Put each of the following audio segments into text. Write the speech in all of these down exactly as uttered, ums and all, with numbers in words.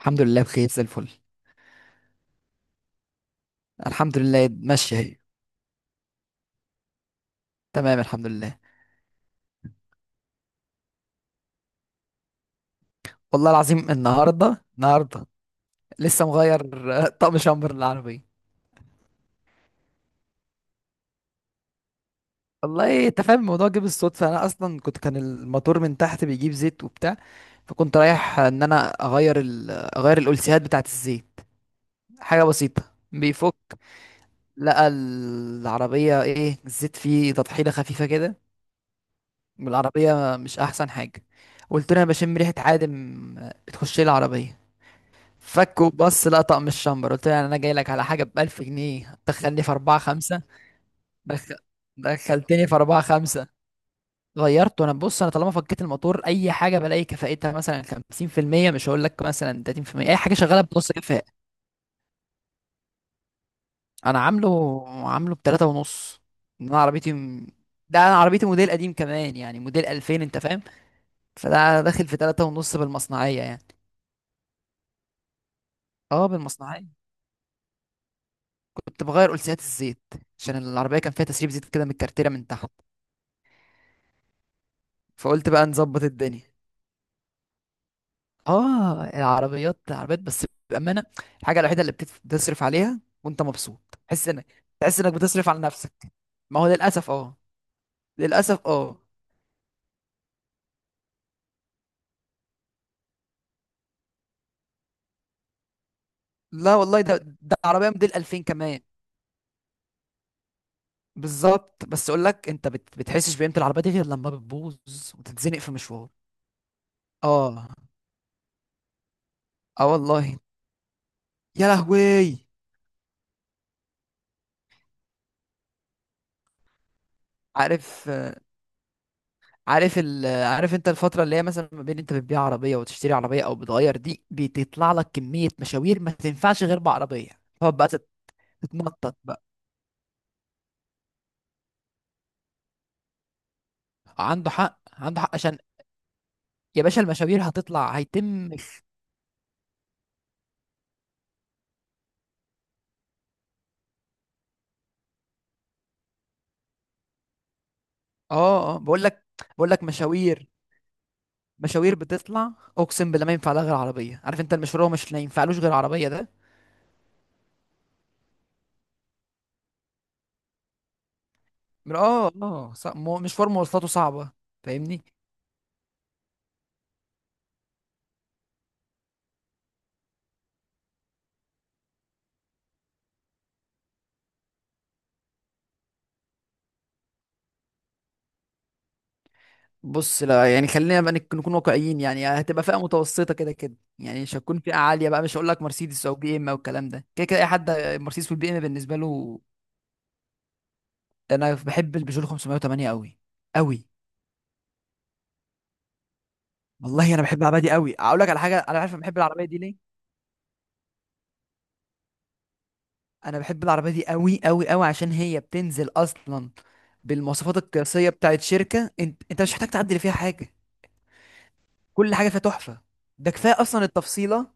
الحمد لله بخير زي الفل. الحمد لله ماشية اهي. تمام الحمد لله. والله العظيم النهاردة النهاردة. لسه مغير آه، طقم شامبر للعربية. والله انت فاهم الموضوع جه بالصدفة، انا اصلا كنت كان الموتور من تحت بيجيب زيت وبتاع. فكنت رايح ان انا اغير ال... اغير الالسيهات بتاعة الزيت، حاجة بسيطة. بيفك، لقى العربية ايه الزيت فيه تطحينة خفيفة كده، والعربية مش احسن حاجة. قلت له انا بشم ريحة عادم، آه، بتخش لي العربية. فك وبص لقطع من الشمبر، قلت له يعني انا جاي لك على حاجه ب ألف جنيه دخلني في أربعة خمسة. دخل... دخلتني في أربعة خمسة. غيرته. انا بص، انا طالما فكيت الموتور اي حاجه بلاقي كفاءتها مثلا خمسين في المية، مش هقول لك مثلا تلاتين في المية، اي حاجه شغاله بنص كفاءه. انا عامله عامله ب تلاتة ونص. إن انا عربيتي م... ده انا عربيتي موديل قديم كمان، يعني موديل ألفين، انت فاهم. فده داخل في تلاتة ونص بالمصنعيه يعني. اه بالمصنعيه. كنت بغير قلسيات الزيت عشان العربيه كان فيها تسريب زيت كده من الكارتيره من تحت، فقلت بقى نظبط الدنيا. اه العربيات عربيات بس بامانه. الحاجه الوحيده اللي بتف- بتصرف عليها وانت مبسوط، تحس انك تحس انك بتصرف على نفسك. ما هو للاسف اه. للاسف اه. لا والله ده ده عربيه موديل ألفين كمان. بالظبط. بس اقول لك، انت بت... بتحسش بقيمه العربيه دي غير لما بتبوظ وتتزنق في مشوار. اه اه والله. يا لهوي. عارف عارف ال عارف انت الفترة اللي هي مثلا ما بين انت بتبيع عربية وتشتري عربية او بتغير دي، بتطلع لك كمية مشاوير ما تنفعش غير بعربية. تقعد بقى تت- تتنطط بقى. عنده حق عنده حق، عشان يا باشا المشاوير هتطلع هيتم. اه اه بقول لك بقول لك مشاوير. مشاوير بتطلع. اقسم بالله ما ينفع لها غير عربية، عارف انت المشوار هو مش ما ينفعلوش غير عربية ده. اه اه صع- مو- مشوار مواصلاته صعبة. فاهمني. بص لا يعني خلينا بقى نك- نكون واقعيين، يعني هتبقى فئه متوسطه كده كده، يعني مش هتكون فئه عاليه بقى، مش هقول لك مرسيدس او بي ام او الكلام ده، كده كده اي حد. مرسيدس والبي ام بالنسبه له. انا بحب البيجو خمسمية وتمنية قوي. قوي. والله انا بحب العربيه دي قوي، اقول لك على حاجه، انا عارف أنا بحب العربيه دي ليه. انا بحب العربيه دي قوي قوي قوي عشان هي بتنزل اصلا بالمواصفات القياسيه بتاعت شركه، انت انت مش محتاج تعدل فيها حاجه. كل حاجه فيها تحفه. ده كفايه اصلا التفصيله.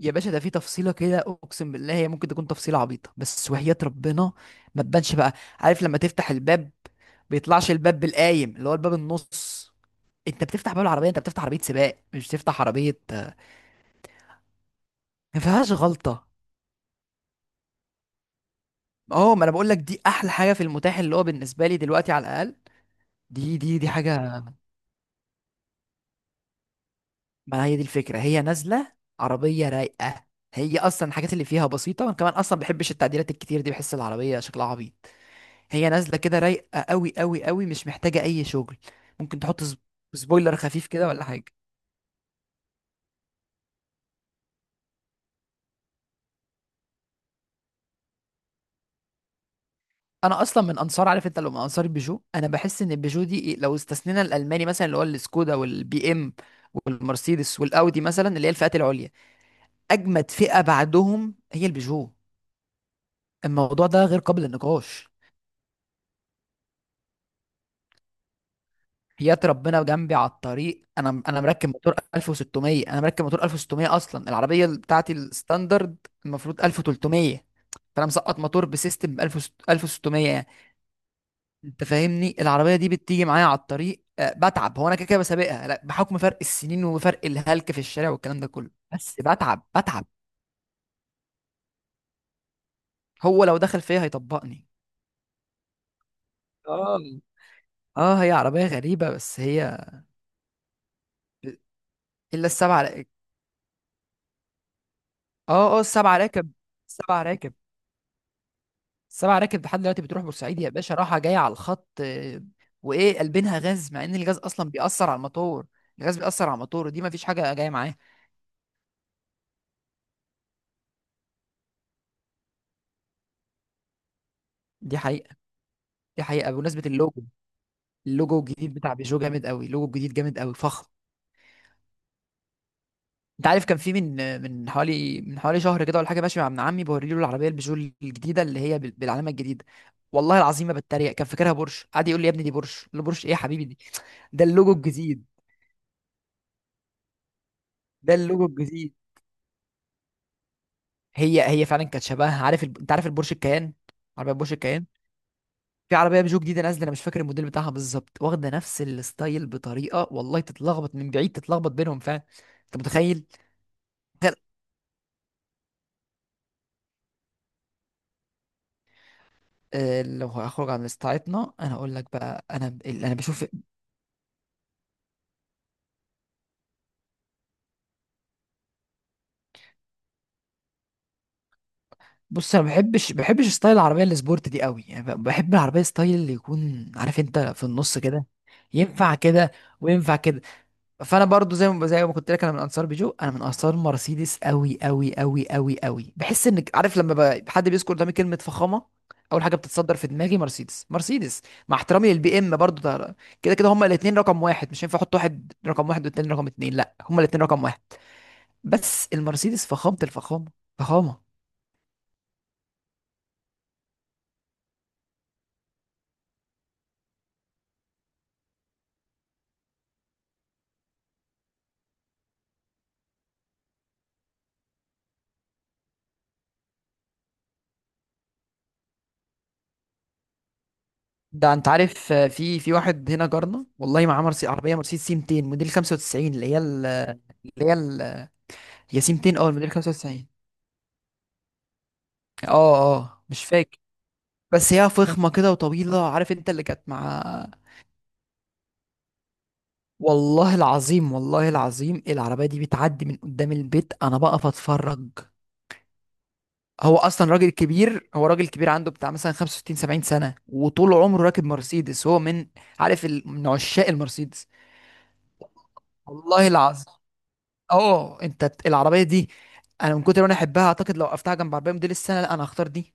يا باشا ده في تفصيله كده، اقسم بالله هي ممكن تكون تفصيله عبيطه بس وحياة ربنا ما تبانش بقى. عارف لما تفتح الباب بيطلعش الباب بالقايم اللي هو الباب النص. انت بتفتح باب العربيه، انت بتفتح عربيه سباق مش بتفتح عربيه. آه، ما فيهاش غلطه. اه ما انا بقول لك دي احلى حاجه في المتاح، اللي هو بالنسبه لي دلوقتي على الاقل. دي دي دي حاجه. ما هي دي الفكره، هي نازله عربيه رايقه. هي اصلا الحاجات اللي فيها بسيطه، وانا كمان اصلا ما بحبش التعديلات الكتير دي، بحس العربيه شكلها عبيط. هي نازله كده رايقه قوي قوي قوي، مش محتاجه اي شغل. ممكن تحط سب- سبويلر خفيف كده ولا حاجه. انا اصلا من انصار، عارف انت، لو من انصار البيجو انا بحس ان البيجو دي إيه، لو استثنينا الالماني مثلا اللي هو السكودا والبي ام والمرسيدس والاودي مثلا، اللي هي الفئات العليا، اجمد فئه بعدهم هي البيجو. الموضوع ده غير قابل للنقاش. حياة ربنا جنبي على الطريق، انا انا مركب موتور ألف وستمية. انا مركب موتور ألف وستمية اصلا العربيه بتاعتي الستاندرد المفروض ألف وتلتمية. فانا مسقط موتور بسيستم ألف ألف وستمية يعني، انت فاهمني. العربيه دي بتيجي معايا على الطريق، آه، بتعب. هو انا كده كده بسابقها، لا بحكم فرق السنين وفرق الهلك في الشارع والكلام ده كله، بس بتعب بتعب. هو لو دخل فيا هيطبقني. اه اه، هي عربيه غريبه بس هي. الا السبعه راكب. اه اه السبعه راكب. السبعه راكب. سبع راكب لحد دلوقتي بتروح بورسعيد يا باشا، راحة جاية على الخط. آه، وإيه قلبينها غاز مع إن الغاز أصلا بيأثر على الموتور. الغاز بيأثر على الموتور، دي مفيش حاجة جاية معاه. دي حقيقة. دي حقيقة بمناسبة اللوجو. اللوجو الجديد بتاع بيجو جامد قوي، اللوجو الجديد جامد قوي فخم. أنت عارف كان في من، آه، من حوالي من حوالي شهر كده ولا حاجة، ماشي مع ابن عمي بوريله العربية البيجو الجديدة اللي هي بال- بالعلامة الجديدة. والله العظيم ما بتريق، كان فاكرها بورش، قعد يقول لي يا ابني دي بورش، قلت له بورش ايه يا حبيبي دي؟ ده اللوجو الجديد. ده اللوجو الجديد. هي هي فعلا كانت شبهها، عارف الب... انت عارف البورش الكيان، عربيه بورش الكيان. في عربيه بيجو جديده نازله انا مش فاكر الموديل بتاعها بالظبط، واخده نفس الستايل بطريقه والله تتلخبط من بعيد، تتلخبط بينهم فعلا. انت متخيل. تخيل. آه، لو هخرج عن استعيطنا انا اقول لك بقى انا اللي انا بشوف. بص انا ما بحبش ما بحبش ستايل العربيه السبورت دي قوي، يعني ب- بحب العربيه ستايل اللي يكون، عارف انت، في النص كده، ينفع كده وينفع كده. فانا برضو زي ما زي ما كنت لك، انا من انصار بيجو، انا من انصار مرسيدس قوي قوي قوي قوي قوي. بحس انك، عارف لما ب- حد بيذكر قدامي كلمه فخامه، اول حاجه بتتصدر في دماغي مرسيدس. مرسيدس، مع احترامي للبي ام برضو ده، كده كده هما الاثنين رقم واحد، مش هينفع احط واحد رقم واحد والتاني رقم اتنين، لا هما الاثنين رقم واحد. بس المرسيدس فخامه الفخامه. فخامه. ده انت عارف، آه، في في واحد هنا جارنا والله معاه مرسي عربيه مرسيدس سي ميتين موديل خمسة وتسعين اللي هي ال- اللي هي ال- هي سي ميتين، اه الموديل خمسة وتسعين. اه اه مش فاكر. بس هي فخمة كده وطويلة، عارف انت اللي كانت مع. والله العظيم والله العظيم العربية دي بتعدي من قدام البيت، انا بقف اتفرج. هو اصلا راجل كبير، هو راجل كبير عنده بتاع مثلا خمسة وستين سبعين سنة وطول عمره راكب مرسيدس، هو من عارف ال... من عشاق المرسيدس. والله العظيم. اه انت ت- العربية دي انا من كتر ما انا احبها اعتقد لو وقفتها جنب عربية موديل السنة لا انا هختار دي.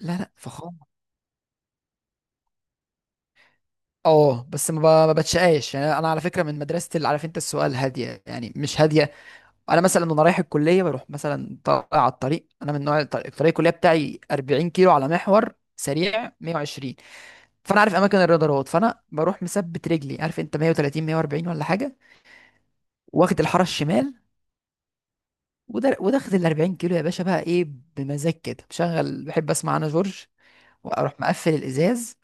لا لا فخامة. اه بس ما ب- ما بتشقاش يعني، انا على فكره من مدرسه اللي، عارف انت السؤال هاديه يعني مش هاديه. انا مثلا وانا رايح الكليه بروح مثلا طالع على الطريق، انا من نوع الطريق الطريق الكليه بتاعي أربعين كيلو على محور سريع مية وعشرين، فانا عارف اماكن الرادارات، فانا بروح مثبت رجلي، عارف انت مية وتلاتين مية وأربعين ولا حاجه، واخد الحاره الشمال، وده واخد ال أربعين كيلو يا باشا بقى ايه، بمزاج كده، بشغل بحب اسمع انا جورج، واروح مقفل الازاز.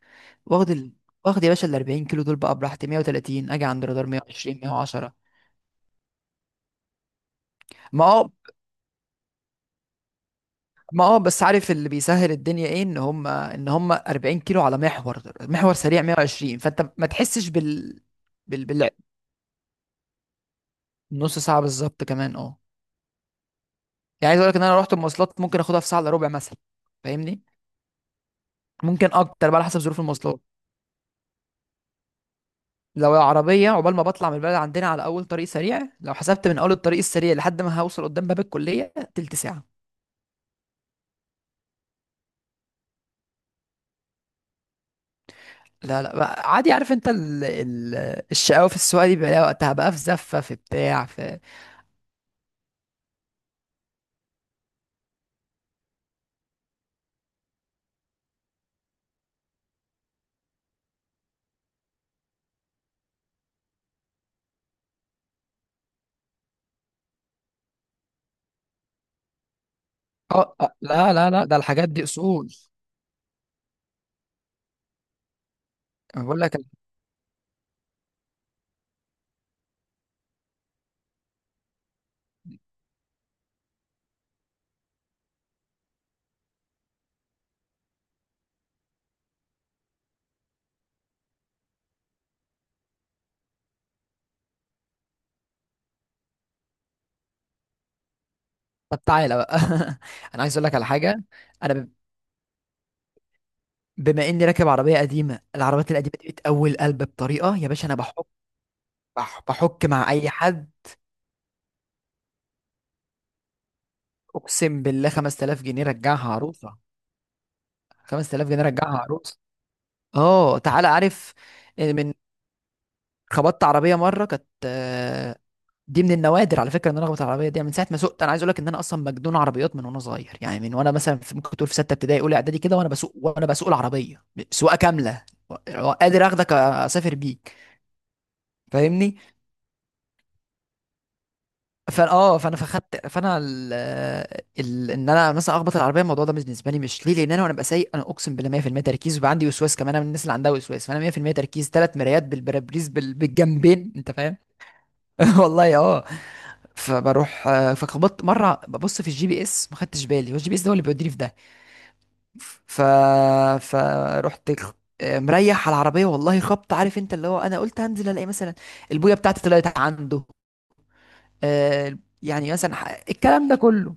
واخد ال... واخد يا باشا ال أربعين كيلو دول بقى براحتي مية وتلاتين، اجي عند رادار مية وعشرين مية وعشرة. ما هو، ما اه بس، عارف اللي بيسهل الدنيا ايه، ان هم ان هم أربعين كيلو على محور محور سريع مية وعشرين، فانت ما تحسش بال بال بال نص ساعه بالظبط كمان اه. يعني عايز اقول لك ان انا رحت المواصلات ممكن اخدها في ساعه الا ربع مثلا. فاهمني. ممكن اكتر بقى على حسب ظروف المواصلات. لو عربيه، عقبال ما بطلع من البلد عندنا على اول طريق سريع، لو حسبت من اول الطريق السريع لحد ما هوصل قدام باب الكليه تلت ساعه. لا لا بقى عادي، عارف انت ال... ال... الشقاوه في السواقه دي بيبقى لها وقتها بقى، في زفه في بتاع في. اه، آه، لا لا لا ده الحاجات دي اصول. انا بقول لك. طب تعالى بقى. انا عايز اقول لك على حاجه. انا ب- بما اني راكب عربيه قديمه، العربيات القديمه دي بتقوي القلب بطريقه يا باشا، انا بحك. بح- بحك مع اي حد. اقسم بالله خمستلاف جنيه رجعها عروسه. خمستلاف جنيه رجعها عروسه. اه تعالى عارف إيه، من. خبطت عربيه مره، كانت، آه، دي من النوادر على فكره ان انا اخبط على العربيه دي، يعني من ساعه ما سوقت. انا عايز اقول لك ان انا اصلا مجنون عربيات من وانا صغير، يعني من وانا مثلا في، ممكن تقول في سته ابتدائي اولى اعدادي كده وانا بسوق، وانا بسوق العربيه سواقه كامله. و- قادر اخدك اسافر بيك، فاهمني. فا اه فانا فخدت فانا ال... ال... ان انا مثلا اخبط العربيه، الموضوع ده بالنسبه لي مش ليه، لان انا وانا ببقى سايق انا اقسم بالله مية في المية تركيز، وبيبقى عندي وسواس كمان، انا من الناس اللي عندها وسواس، فانا مية في المية تركيز، ثلاث مرايات بالبرابريز بال... بالجنبين انت فاهم. والله اه. فبروح، آه، فخبطت مره ببص في الجي بي اس ما خدتش بالي، والجي بي اس ده هو اللي بيوديني في ده. ف فرحت خ- آه، مريح على العربيه، والله خبط، عارف انت اللي هو انا قلت هنزل الاقي مثلا البويه بتاعتي طلعت عنده، آه، يعني مثلا ح- الكلام ده كله.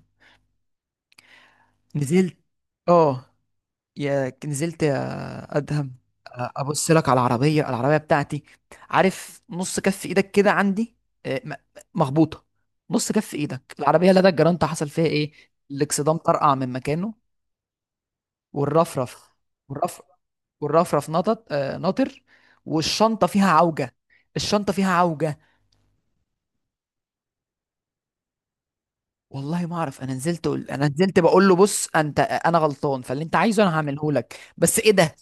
نزلت. اه. يا نزلت يا ادهم. ابص لك على العربيه العربيه بتاعتي، عارف نص كف ايدك كده عندي. آه، م- مخبوطه. نص كف ايدك العربيه لدى الجرانت، حصل فيها ايه. الاكسدام طرقع من مكانه. والرفرف. والرفرف. والرفرف نطط، آه، ناطر. والشنطه فيها عوجه. الشنطه فيها عوجه. والله ما اعرف. انا نزلت قل... انا نزلت بقول له بص انت انا غلطان، فاللي انت عايزه انا هعمله لك، بس ايه ده.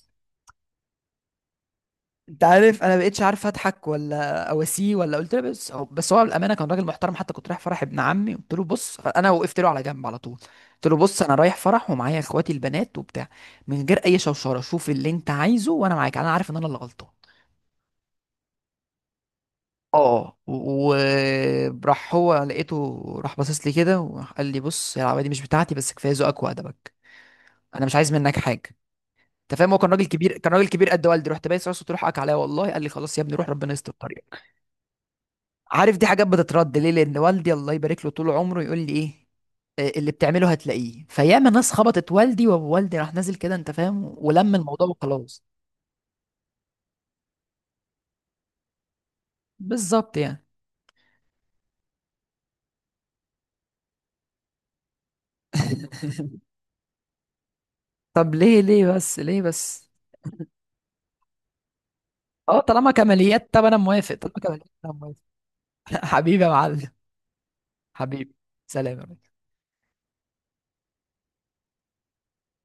انت عارف انا بقيتش عارف اضحك ولا اواسيه ولا، قلت له بس هو بس هو بالامانه كان راجل محترم. حتى كنت رايح فرح ابن عمي، قلت له بص انا وقفت له على جنب على طول، قلت له بص انا رايح فرح ومعايا اخواتي البنات وبتاع، من غير اي شوشره شوف اللي انت عايزه وانا معاك، انا عارف ان انا اللي غلطان. اه وراح هو، لقيته راح باصص لي كده وقال لي بص يا العبادي دي مش بتاعتي، بس كفايه ذوقك وادبك، انا مش عايز منك حاجه. انت فاهم، هو كان راجل كبير، كان راجل كبير قد والدي، رحت بايس راسه، تروح اك عليا والله، قال لي خلاص يا ابني روح ربنا يستر الطريق. عارف دي حاجات بتترد ليه، لان والدي الله يبارك له طول عمره يقول لي ايه، آه، اللي بتعمله هتلاقيه، فياما ناس خبطت والدي، ووالدي راح نازل كده انت فاهم، ولم الموضوع وخلاص. بالظبط يعني. طب ليه ليه بس ليه بس. اه طالما كماليات طب انا موافق، طالما كماليات انا موافق. حبيبي يا معلم. حبيبي. سلام يا ريس.